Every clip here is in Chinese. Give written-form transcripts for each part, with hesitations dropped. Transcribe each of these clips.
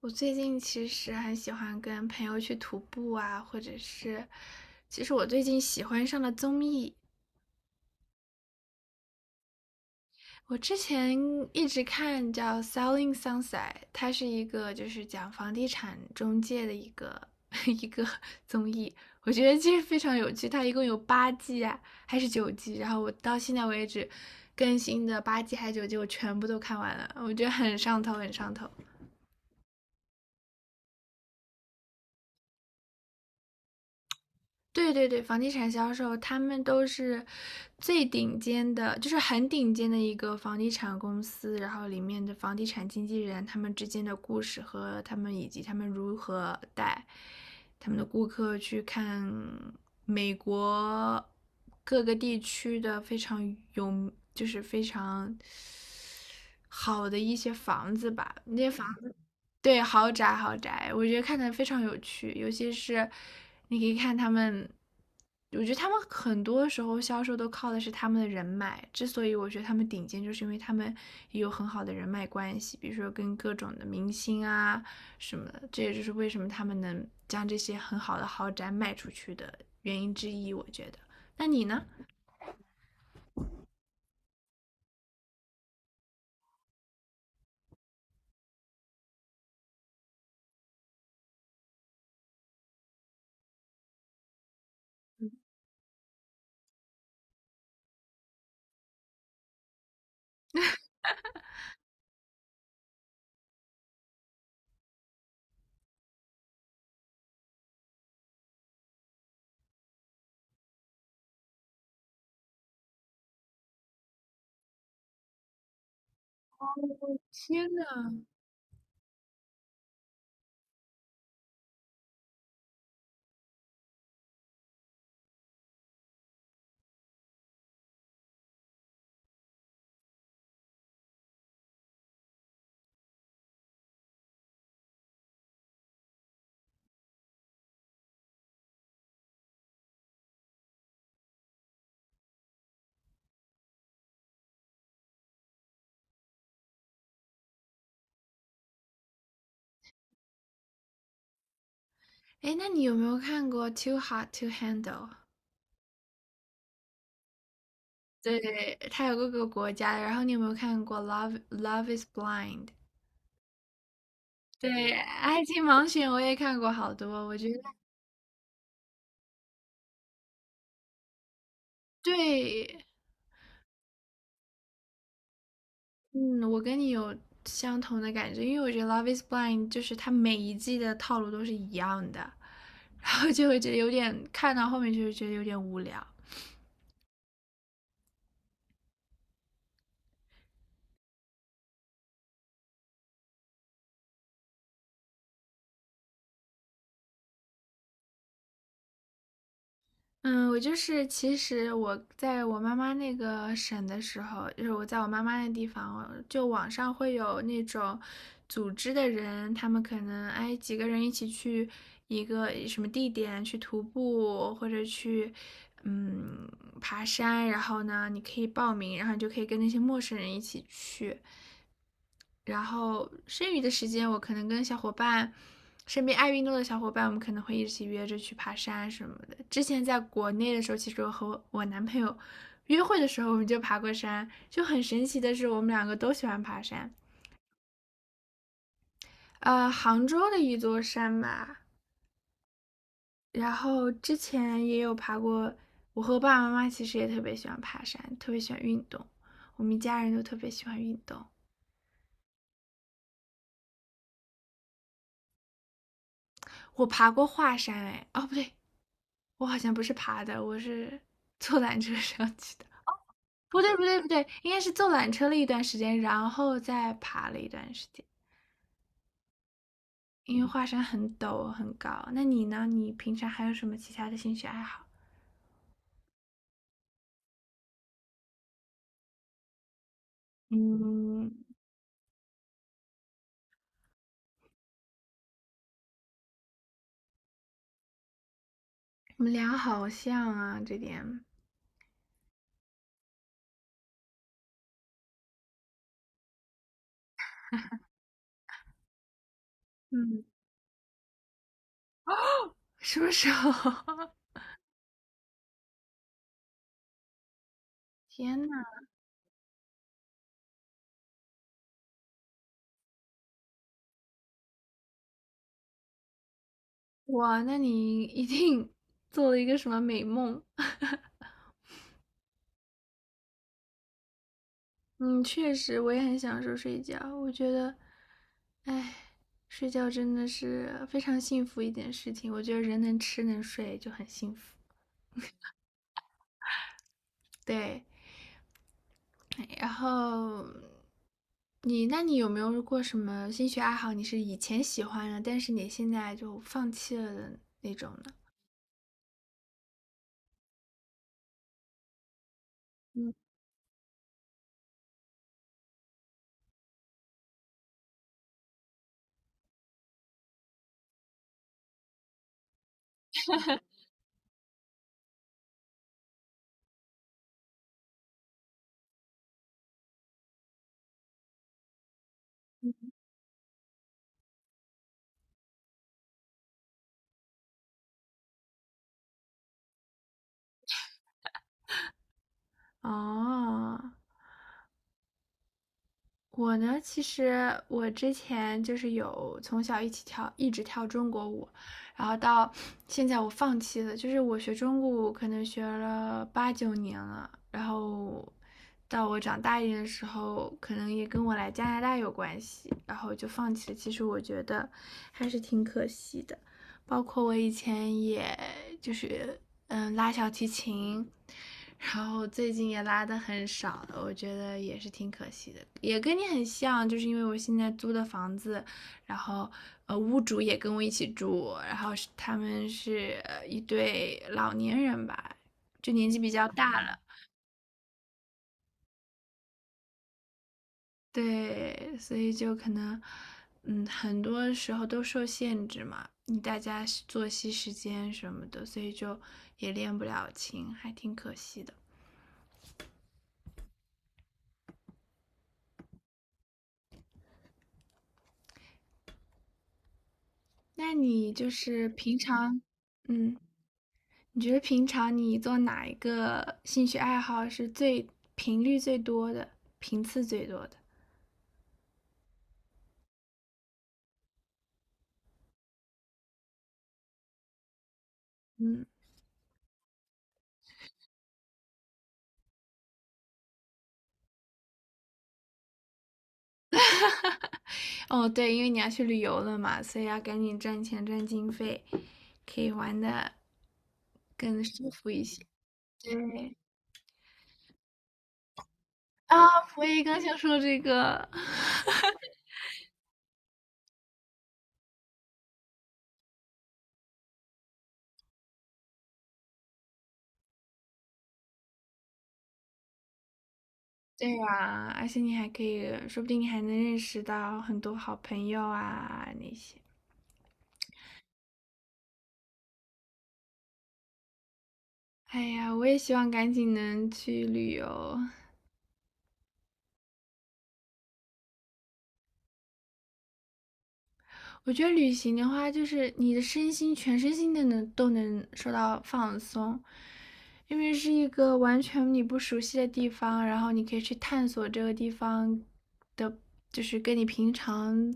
我最近其实很喜欢跟朋友去徒步啊，或者是，其实我最近喜欢上了综艺。我之前一直看叫《Selling Sunset》，它是一个就是讲房地产中介的一个 一个综艺，我觉得其实非常有趣。它一共有八季啊，还是九季？然后我到现在为止更新的八季还是九季，我全部都看完了，我觉得很上头，很上头。对对对，房地产销售他们都是最顶尖的，就是很顶尖的一个房地产公司，然后里面的房地产经纪人他们之间的故事和他们以及他们如何带他们的顾客去看美国各个地区的非常有，就是非常好的一些房子吧，那些房子，对，豪宅豪宅，我觉得看的非常有趣，尤其是你可以看他们，我觉得他们很多时候销售都靠的是他们的人脉，之所以我觉得他们顶尖，就是因为他们也有很好的人脉关系，比如说跟各种的明星啊什么的，这也就是为什么他们能将这些很好的豪宅卖出去的原因之一，我觉得。那你呢？天呐，哎，那你有没有看过《Too Hot to Handle》?对，它有各个国家的然后你有没有看过《Love Is Blind》?对，《爱情盲选》我也看过好多，我觉得对，嗯，我跟你有相同的感觉，因为我觉得《Love Is Blind》就是它每一季的套路都是一样的，然后就会觉得有点看到后面就是觉得有点无聊。嗯，我就是，其实我在我妈妈那个省的时候，就是我在我妈妈那地方，就网上会有那种组织的人，他们可能哎几个人一起去一个什么地点去徒步或者去嗯爬山，然后呢你可以报名，然后你就可以跟那些陌生人一起去，然后剩余的时间，我可能跟小伙伴，身边爱运动的小伙伴，我们可能会一起约着去爬山什么的。之前在国内的时候，其实我和我男朋友约会的时候，我们就爬过山。就很神奇的是，我们两个都喜欢爬山。杭州的一座山吧，然后之前也有爬过。我和爸爸妈妈其实也特别喜欢爬山，特别喜欢运动。我们一家人都特别喜欢运动。我爬过华山，哎，哦不对，我好像不是爬的，我是 坐缆车上去的。不对，不对，不对，应该是坐缆车了一段时间，然后再爬了一段时间。因为华山很陡很高。那你呢？你平常还有什么其他的兴趣爱好？嗯，我们俩好像啊，这点。嗯，什么时候？天呐，哇，那你一定做了一个什么美梦？嗯，确实，我也很享受睡觉。我觉得，哎，睡觉真的是非常幸福一件事情。我觉得人能吃能睡就很幸福。对，哎然后那你有没有过什么兴趣爱好？你是以前喜欢的，但是你现在就放弃了的那种呢？哦，我呢，其实我之前就是有从小一起跳，一直跳中国舞，然后到现在我放弃了。就是我学中国舞可能学了八九年了，然后到我长大一点的时候，可能也跟我来加拿大有关系，然后就放弃了。其实我觉得还是挺可惜的。包括我以前也就是拉小提琴，然后最近也拉的很少了，我觉得也是挺可惜的，也跟你很像，就是因为我现在租的房子，然后屋主也跟我一起住，然后是他们是一对老年人吧，就年纪比较大了，对，所以就可能，嗯，很多时候都受限制嘛，你大家是作息时间什么的，所以就也练不了琴，还挺可惜的。那你就是平常，嗯，你觉得平常你做哪一个兴趣爱好是最频率最多的，频次最多的？嗯，哦，对，因为你要去旅游了嘛，所以要赶紧赚钱赚经费，可以玩的更舒服一些。对，啊，我也刚想说这个。对呀，而且你还可以，说不定你还能认识到很多好朋友啊那些。哎呀，我也希望赶紧能去旅游。我觉得旅行的话，就是你的身心、全身心的能都能受到放松，因为是一个完全你不熟悉的地方，然后你可以去探索这个地方的，就是跟你平常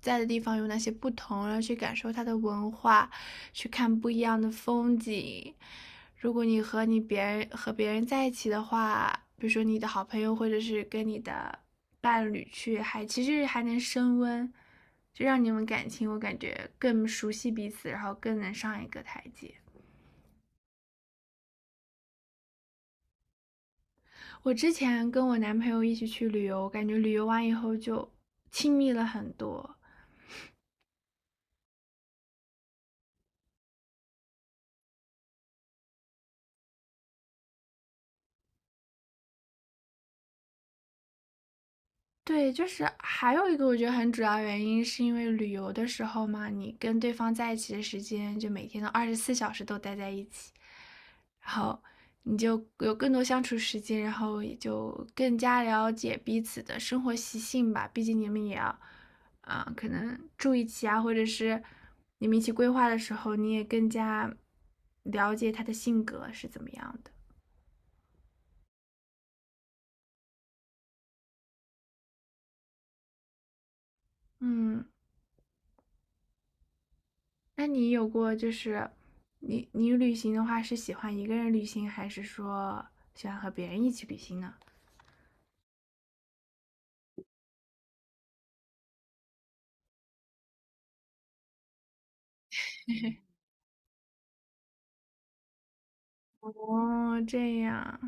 在的地方有哪些不同，然后去感受它的文化，去看不一样的风景。如果你和你别人和别人在一起的话，比如说你的好朋友或者是跟你的伴侣去，还其实还能升温。就让你们感情我感觉更熟悉彼此，然后更能上一个台阶。我之前跟我男朋友一起去旅游，感觉旅游完以后就亲密了很多，对，就是还有一个我觉得很主要原因，是因为旅游的时候嘛，你跟对方在一起的时间，就每天都24小时都待在一起，然后你就有更多相处时间，然后也就更加了解彼此的生活习性吧。毕竟你们也要啊、可能住一起啊，或者是你们一起规划的时候，你也更加了解他的性格是怎么样的。嗯，那你有过就是你旅行的话是喜欢一个人旅行，还是说喜欢和别人一起旅行呢？哦，这样。